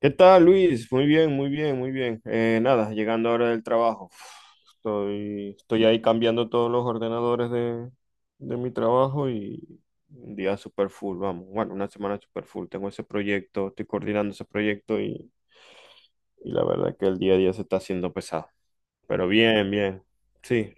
¿Qué tal, Luis? Muy bien, muy bien, muy bien. Nada, llegando ahora del trabajo. Uf, estoy ahí cambiando todos los ordenadores de mi trabajo y un día super full, vamos. Bueno, una semana super full. Tengo ese proyecto, estoy coordinando ese proyecto y la verdad que el día a día se está haciendo pesado. Pero bien, bien. Sí,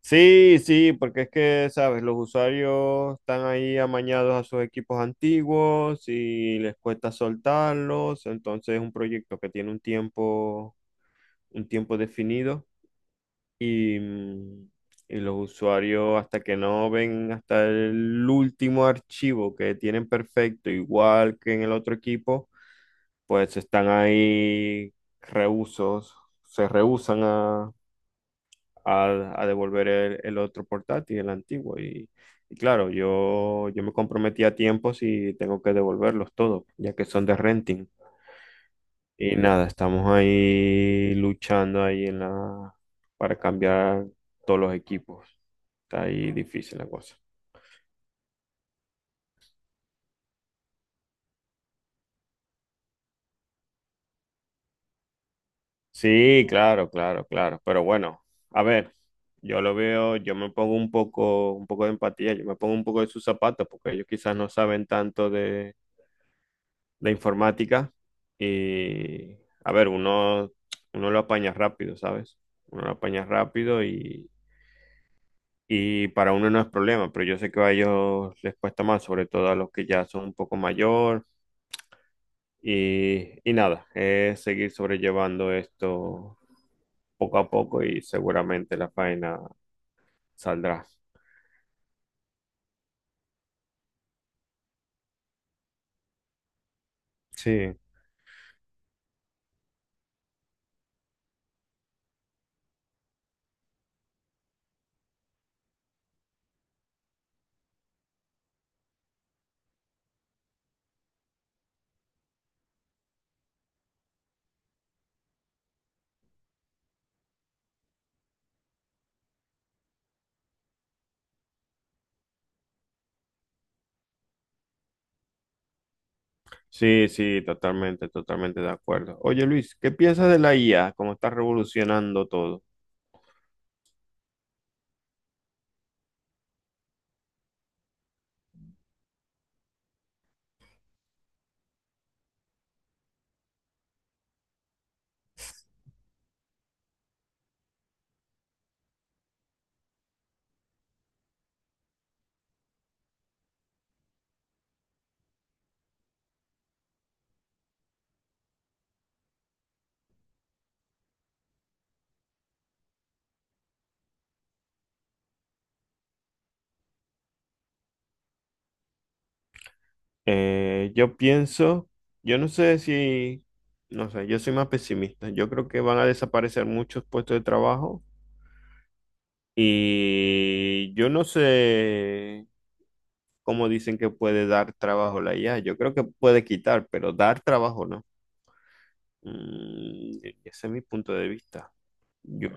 sí, sí, porque es que, sabes, los usuarios están ahí amañados a sus equipos antiguos y les cuesta soltarlos, entonces es un proyecto que tiene un tiempo definido y y los usuarios hasta que no ven hasta el último archivo que tienen perfecto, igual que en el otro equipo, pues están ahí rehúsos, se rehusan a devolver el otro portátil, el antiguo. Y claro, yo me comprometí a tiempo si tengo que devolverlos todos, ya que son de renting. Y nada, estamos ahí luchando ahí en la, para cambiar todos los equipos. Está ahí difícil la cosa. Sí, claro, claro, claro. Pero bueno, a ver, yo lo veo, yo me pongo un poco de empatía, yo me pongo un poco de sus zapatos, porque ellos quizás no saben tanto de la informática y, a ver, uno, uno lo apaña rápido, ¿sabes? Uno lo apaña rápido y para uno no es problema, pero yo sé que a ellos les cuesta más, sobre todo a los que ya son un poco mayor y nada, es seguir sobrellevando esto poco a poco y seguramente la faena saldrá. Sí, sí, sí, totalmente, totalmente de acuerdo. Oye Luis, ¿qué piensas de la IA? ¿Cómo está revolucionando todo? Yo pienso, yo no sé si, no sé, yo soy más pesimista. Yo creo que van a desaparecer muchos puestos de trabajo y yo no sé cómo dicen que puede dar trabajo la IA. Yo creo que puede quitar, pero dar trabajo no. Ese es mi punto de vista. Yo.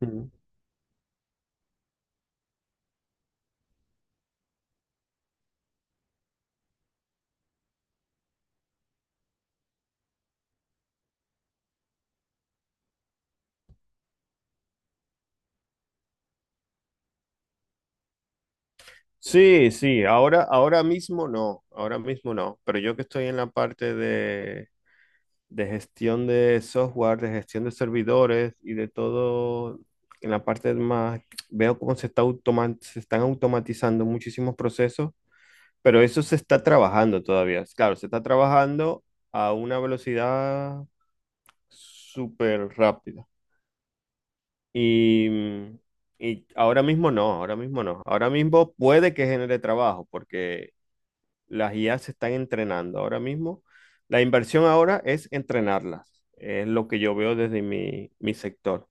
Ujú. Sí, sí, ahora, ahora mismo no, pero yo que estoy en la parte de gestión de software, de gestión de servidores y de todo. En la parte más, veo cómo se está se están automatizando muchísimos procesos, pero eso se está trabajando todavía. Claro, se está trabajando a una velocidad súper rápida. Y, y ahora mismo no, ahora mismo no. Ahora mismo puede que genere trabajo, porque las IA se están entrenando ahora mismo. La inversión ahora es entrenarlas, es lo que yo veo desde mi, mi sector.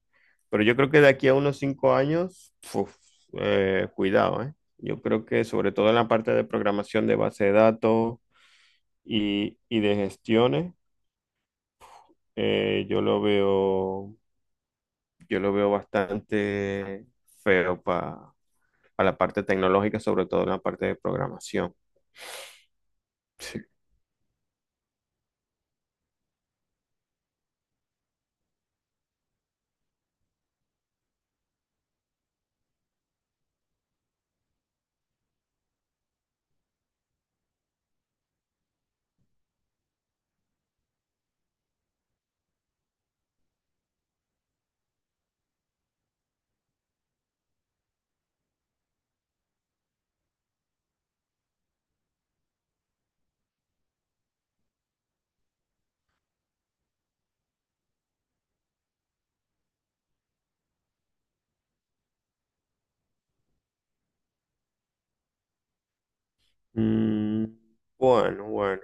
Pero yo creo que de aquí a unos 5 años, uf, cuidado, ¿eh? Yo creo que sobre todo en la parte de programación de base de datos y de gestiones, eh, yo lo veo, yo lo veo bastante feo para la parte tecnológica, sobre todo en la parte de programación. Sí. Mm, bueno, bueno.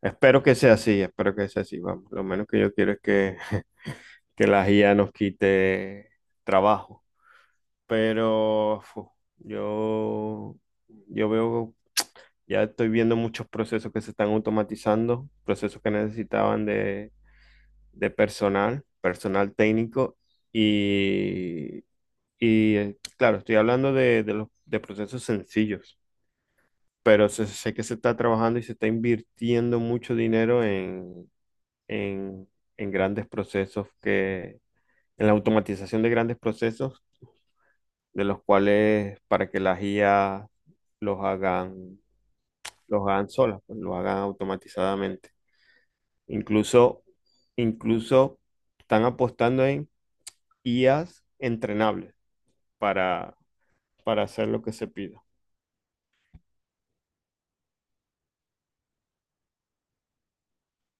Espero que sea así, espero que sea así. Vamos, lo menos que yo quiero es que, que la IA nos quite trabajo. Pero fu, yo, yo veo, ya estoy viendo muchos procesos que se están automatizando, procesos que necesitaban de personal, personal técnico. Y, y claro, estoy hablando de los, de procesos sencillos, pero sé, sé que se está trabajando y se está invirtiendo mucho dinero en, en grandes procesos que, en la automatización de grandes procesos, de los cuales para que las IA los hagan, los hagan solas, pues, los hagan automatizadamente. Incluso, incluso están apostando en IAs entrenables para, para hacer lo que se pida.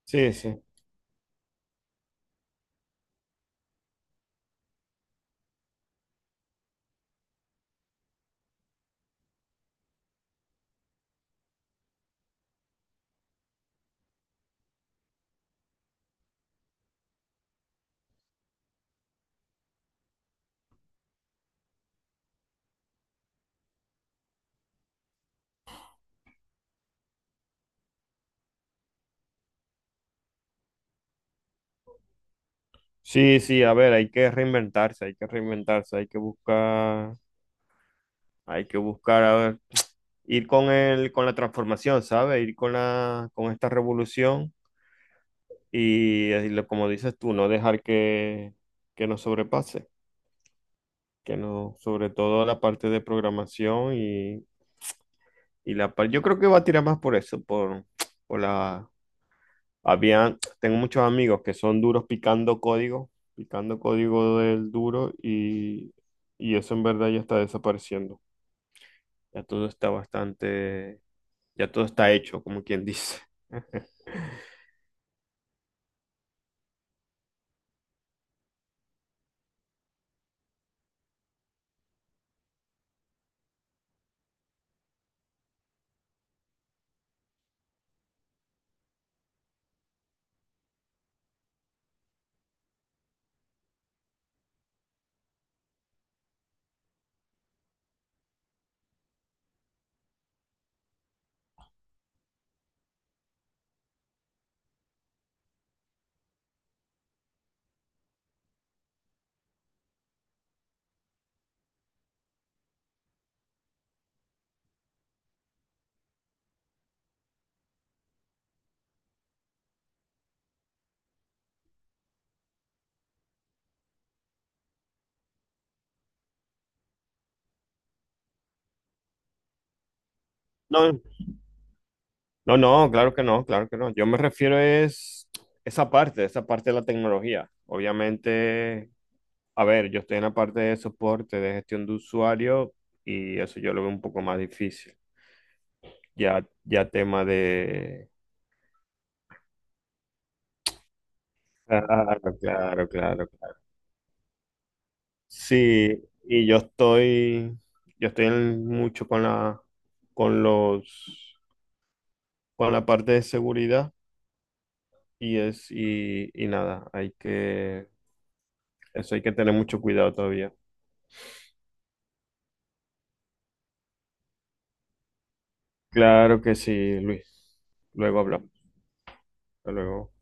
Sí, sí. Sí, sí, a ver, hay que reinventarse, hay que reinventarse, hay que buscar. Hay que buscar, a ver, ir con el, con la transformación, ¿sabes? Ir con la, con esta revolución y, como dices tú, no dejar que nos sobrepase, que no, sobre todo la parte de programación y la parte, yo creo que va a tirar más por eso, por la, había, tengo muchos amigos que son duros picando código del duro y eso en verdad ya está desapareciendo. Ya todo está bastante, ya todo está hecho, como quien dice. No, no, no, claro que no, claro que no. Yo me refiero es esa parte de la tecnología. Obviamente, a ver, yo estoy en la parte de soporte, de gestión de usuario y eso yo lo veo un poco más difícil. Ya, ya tema de... Claro, claro, claro, claro. Sí, y yo estoy mucho con la, con los con la parte de seguridad y es y nada, hay que eso hay que tener mucho cuidado todavía. Claro que sí, Luis. Luego hablamos. Hasta luego.